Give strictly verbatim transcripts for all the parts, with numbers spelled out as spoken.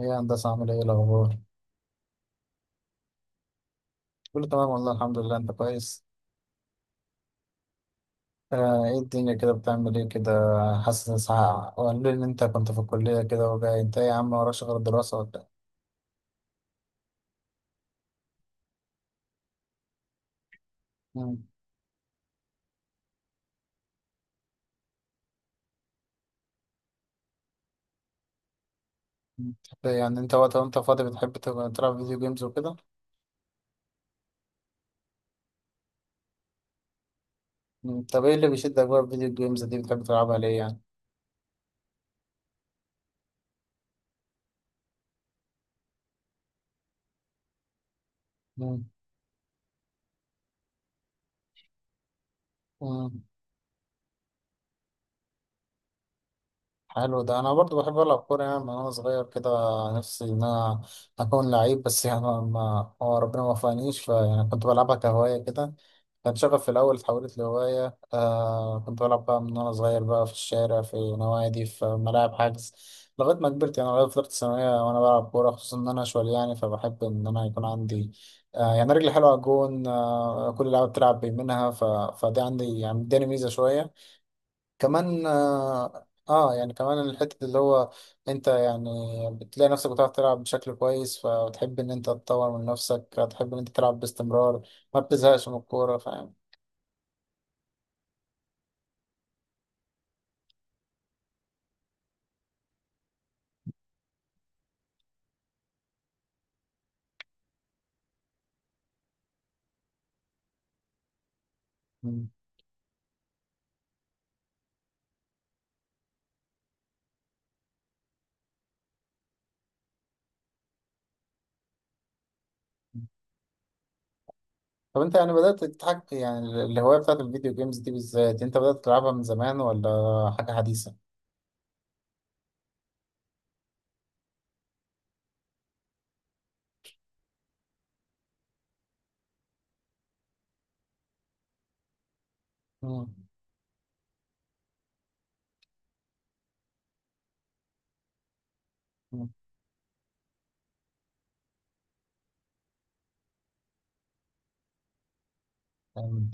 ايه يا هندسة، عامل ايه الأخبار؟ كله تمام والله الحمد لله. أنت كويس؟ آه ايه الدنيا كده، بتعمل ايه كده؟ حاسس إن ساعة وقالوا لي إن أنت كنت في الكلية كده وجاي. أنت إيه يا عم، وراش غير الدراسة ولا إيه؟ مم. بتحب- يعني أنت وقت وأنت فاضي بتحب تبقى تلعب فيديو جيمز وكده؟ مم. طب ايه اللي بيشدك بقى في الفيديو جيمز دي، بتحب تلعبها ليه يعني؟ مم. مم. حلو ده. انا برضو بحب العب كوره يعني، من وانا صغير كده نفسي ان انا اكون لعيب، بس يعني ما ما- هو ربنا ما وفقنيش، فيعني كنت بلعبها كهوايه كده. كان شغف في الاول، اتحولت لهوايه. آه كنت بلعب بقى من وانا صغير بقى في الشارع، في نوادي، في ملاعب حجز، لغايه ما كبرت يعني، لغايه فتره الثانويه وانا بلعب كوره، خصوصا ان انا شوال يعني، فبحب ان انا يكون عندي آه يعني رجلي حلوه على الجون. آه كل لعبه بتلعب بيمينها، ف... فدي عندي يعني اداني ميزه شويه كمان. اه آه، يعني كمان الحتة اللي هو انت يعني بتلاقي نفسك بتعرف تلعب بشكل كويس، فبتحب ان انت تطور من نفسك، هتحب ان انت تلعب باستمرار، ما بتزهقش من الكورة، فاهم؟ مم. طب انت يعني بدأت تتحكم، يعني ال- الهواية بتاعت الفيديو جيمز دي بالذات، انت بدأت تلعبها من زمان ولا حاجة حديثة؟ مم. مم.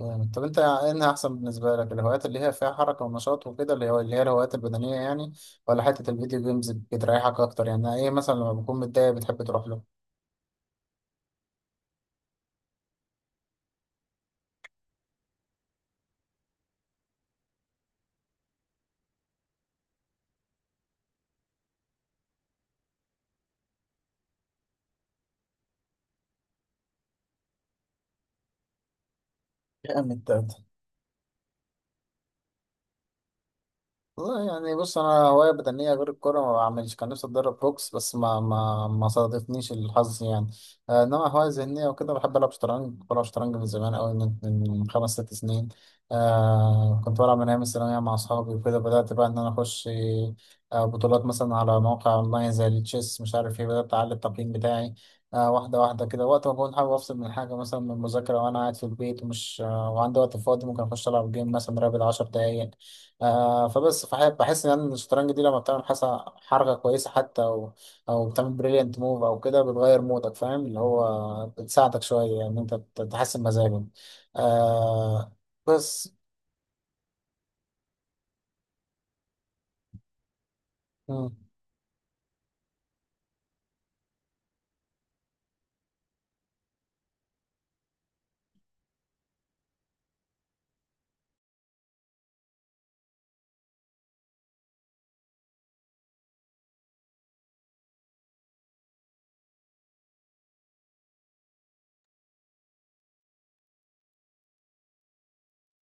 جامد. طب انت انها احسن بالنسبه لك الهوايات اللي هي فيها حركه ونشاط وكده، اللي هو اللي هي الهوايات البدنيه يعني، ولا حته الفيديو جيمز بتريحك اكتر؟ يعني ايه مثلا لما بكون متضايق بتحب تروح له؟ جامد. والله يعني بص، انا هوايه بدنيه غير الكوره ما بعملش. كان نفسي اتدرب بوكس بس ما ما ما صادفنيش الحظ يعني. آه، انما هوايه ذهنيه وكده، بحب العب شطرنج. بلعب شطرنج من زمان قوي، من من خمس ست سنين. آه كنت بلعب من ايام الثانويه مع اصحابي وكده. بدات بقى ان انا اخش آه بطولات مثلا على مواقع اونلاين زي التشيس مش عارف ايه، بدات اعلي التقييم بتاعي آه واحده واحده كده، وقت ما بكون حابب افصل من حاجه، مثلا من المذاكره وانا قاعد في البيت ومش آه وعندي وقت فاضي، ممكن اخش العب جيم مثلا رابع 10 دقايق. آه فبس فح- بحس ان الشطرنج دي لما بتعمل حسن حركه كويسه حتى، او او بتعمل بريليانت موف او كده، بتغير مودك، فاهم؟ اللي هو بتساعدك شويه ان انت بت- تحسن مزاجك. آه بس. مم.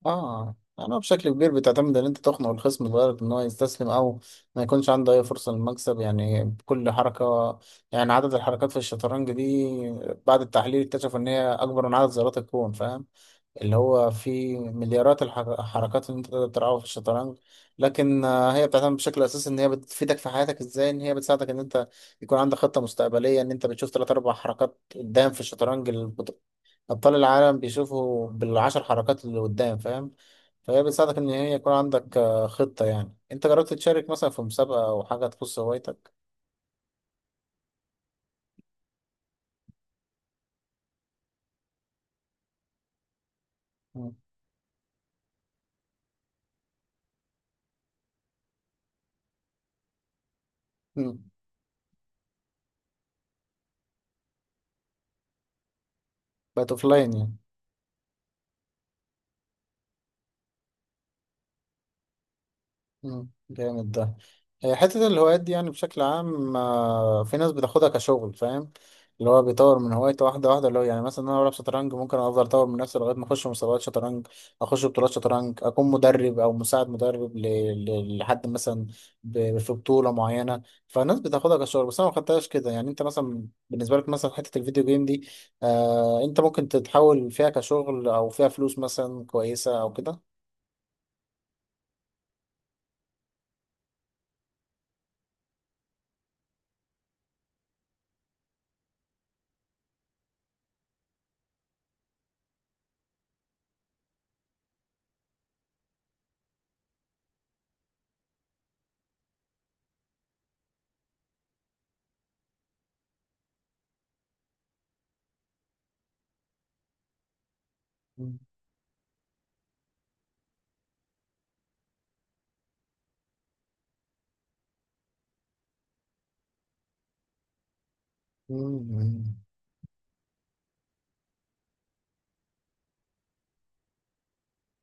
اه انا بشكل كبير بتعتمد ان انت تقنع الخصم لدرجه ان هو يستسلم، او ما يكونش عنده اي فرصه للمكسب يعني، بكل حركه. يعني عدد الحركات في الشطرنج دي بعد التحليل اكتشفوا ان هي اكبر من عدد ذرات الكون، فاهم؟ اللي هو فيه مليارات الحر- الحركات اللي انت تقدر تلعبها في الشطرنج. لكن آه، هي بتعتمد بشكل اساسي ان هي بتفيدك في حياتك ازاي، ان هي بتساعدك ان انت يكون عندك خطة مستقبلية، ان انت بتشوف ثلاث اربع حركات قدام في الشطرنج. ال- بط- ابطال العالم بيشوفوا بالعشر حركات اللي قدام، فاهم؟ فهي بتساعدك ان هي يكون عندك آه، خطة. يعني انت جربت تشارك مثلا في مسابقة او حاجة تخص هوايتك؟ مم. مم. بقت اوفلاين يعني؟ مم. جامد ده. هي حتة الهوايات دي يعني بشكل عام آه، في ناس بتاخدها كشغل، فاهم؟ اللي هو بيطور من هوايته واحدة واحدة، اللي هو يعني مثلا أنا بلعب شطرنج، ممكن أفضل أطور من نفسي لغاية ما أخش مسابقات شطرنج، أخش بطولات شطرنج، أكون مدرب أو مساعد مدرب ل- ل- لحد مثلا ب- في بطولة معينة. فالناس بتاخدها كشغل، بس أنا ما خدتهاش كده يعني. أنت مثلا بالنسبة لك مثلا حتة الفيديو جيم دي، آه أنت ممكن تتحول فيها كشغل أو فيها فلوس مثلا كويسة أو كده؟ مم. مم.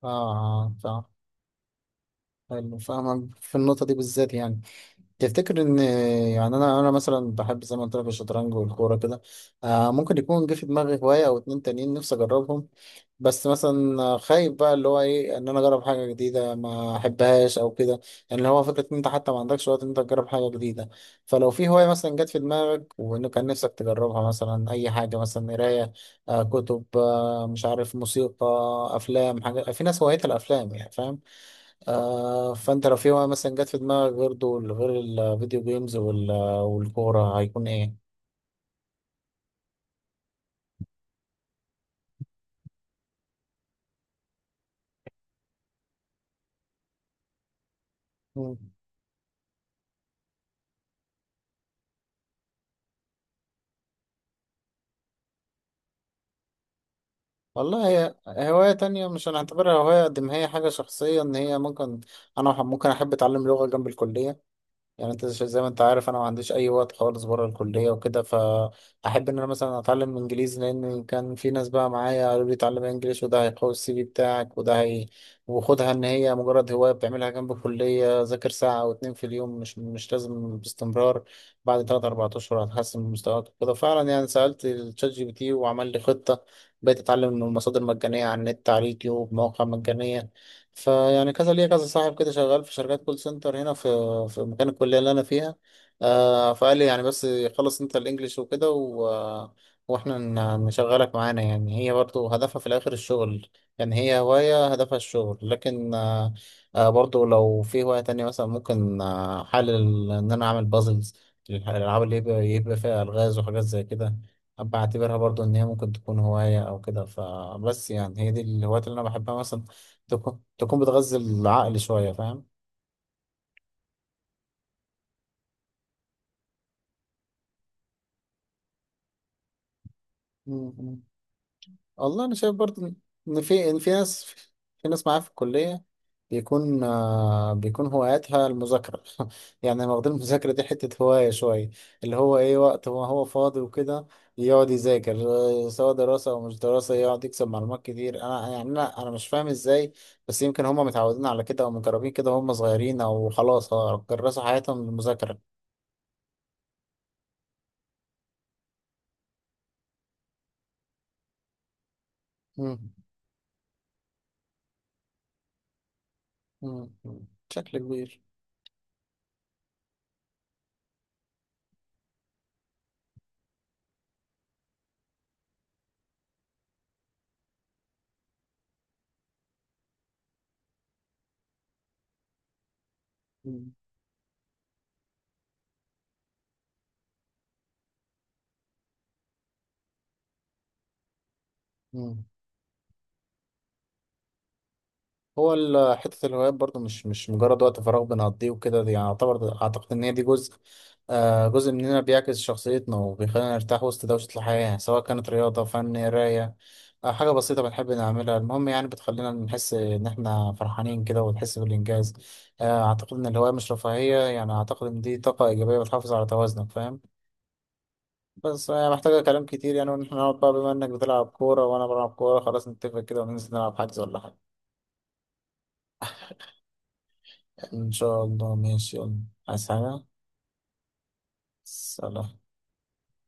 اه آه، فاهم. حلو، فاهمك في النقطة دي بالذات يعني. تفتكر ان يعني انا انا مثلا بحب زي ما قلت لك الشطرنج والكورة كده، آه ممكن يكون جه في دماغي هواية او اتنين تانيين نفسي اجربهم، بس مثلا خايف بقى اللي هو ايه ان انا اجرب حاجة جديدة ما احبهاش او كده يعني. اللي هو فكرة ان انت حتى ما عندكش وقت ان انت تجرب حاجة جديدة. فلو في هواية مثلا جت في دماغك وانه كان نفسك تجربها، مثلا اي حاجة مثلا قراية، آه كتب، آه مش عارف، موسيقى، افلام، حاجة، في ناس هوايتها الافلام يعني، فاهم؟ آه فانت لو في بقى مثلا جت في دماغك غير دول، غير الفيديو جيمز وال- والكورة، هيكون ايه؟ مم. والله، هي هواية تانية مش هنعتبرها هواية قد ما هي حاجة شخصية ان هي ممكن، انا ح- ممكن احب اتعلم لغة جنب الكلية. يعني انت ش- زي ما انت عارف انا ما عنديش اي وقت خالص بره الكليه وكده، فاحب ان انا مثلا اتعلم انجليزي، لان كان في ناس بقى معايا قالوا لي اتعلم انجليش، وده هيقوي السي في بتاعك، وده هي، وخدها ان هي مجرد هوايه بتعملها جنب الكليه، ذاكر ساعه او اتنين في اليوم، مش مش لازم باستمرار. بعد تلات اربع اشهر هتحسن من مستواك وكده. فعلا يعني سالت الشات جي بي تي وعمل لي خطه، بقيت اتعلم من المصادر مجانيه على النت، على اليوتيوب، مواقع مجانيه. فيعني كذا ليا كذا صاحب كده شغال في شركات كول سنتر هنا في في مكان الكلية اللي أنا فيها. آه فقال لي يعني، بس خلص أنت الإنجليش وكده و... وإحنا ن- نشغلك معانا. يعني هي برضو هدفها في الآخر الشغل، يعني هي هواية هدفها الشغل. لكن آه آه برضو لو في هواية تانية مثلا ممكن، آه حل ال- إن أنا أعمل بازلز، الألعاب اللي يبقى, يبقى فيها ألغاز وحاجات زي كده، بعتبرها برضو إن هي ممكن تكون هواية أو كده. فبس يعني هي دي الهوايات اللي أنا بحبها، مثلا تكون تكون بتغذي العقل شوية، فاهم؟ مم. والله أنا شايف برضو إن إن في إن في ناس في ناس معايا في الكلية بيكون آه بيكون هواياتها المذاكرة. يعني واخدين المذاكرة دي حتة هواية شوية، اللي هو إيه، وقت هو هو فاضي وكده يقعد يذاكر، آه، سواء دراسة أو مش دراسة، يقعد يكسب معلومات كتير. أنا يعني أنا أنا مش فاهم إزاي، بس يمكن هما متعودين على كده أو مجربين كده وهم صغيرين، أو خلاص آه، كرسوا حياتهم للمذاكرة. مم. مم. بشكل كبير. مم. هو ال- حتة الهوايات برضو مش مش مجرد وقت فراغ بنقضيه وكده، دي يعني اعتبر اعتقد ان هي دي جزء، آه جزء مننا، بيعكس شخصيتنا وبيخلينا نرتاح وسط دوشة الحياة يعني، سواء كانت رياضة، فن، قراية، آه حاجة بسيطة بنحب نعملها، المهم يعني بتخلينا نحس ان احنا فرحانين كده، ونحس بالانجاز. آه اعتقد ان الهواية مش رفاهية يعني، اعتقد ان دي طاقة ايجابية بتحافظ على توازنك، فاهم؟ بس هي محتاجة كلام كتير يعني، وإن احنا نقعد بقى، بما انك بتلعب كورة وانا بلعب كورة، خلاص نتفق كده وننزل نلعب حجز ولا حاجة. إن شاء الله، ماشي، يلا. عايز حاجة؟ سلام.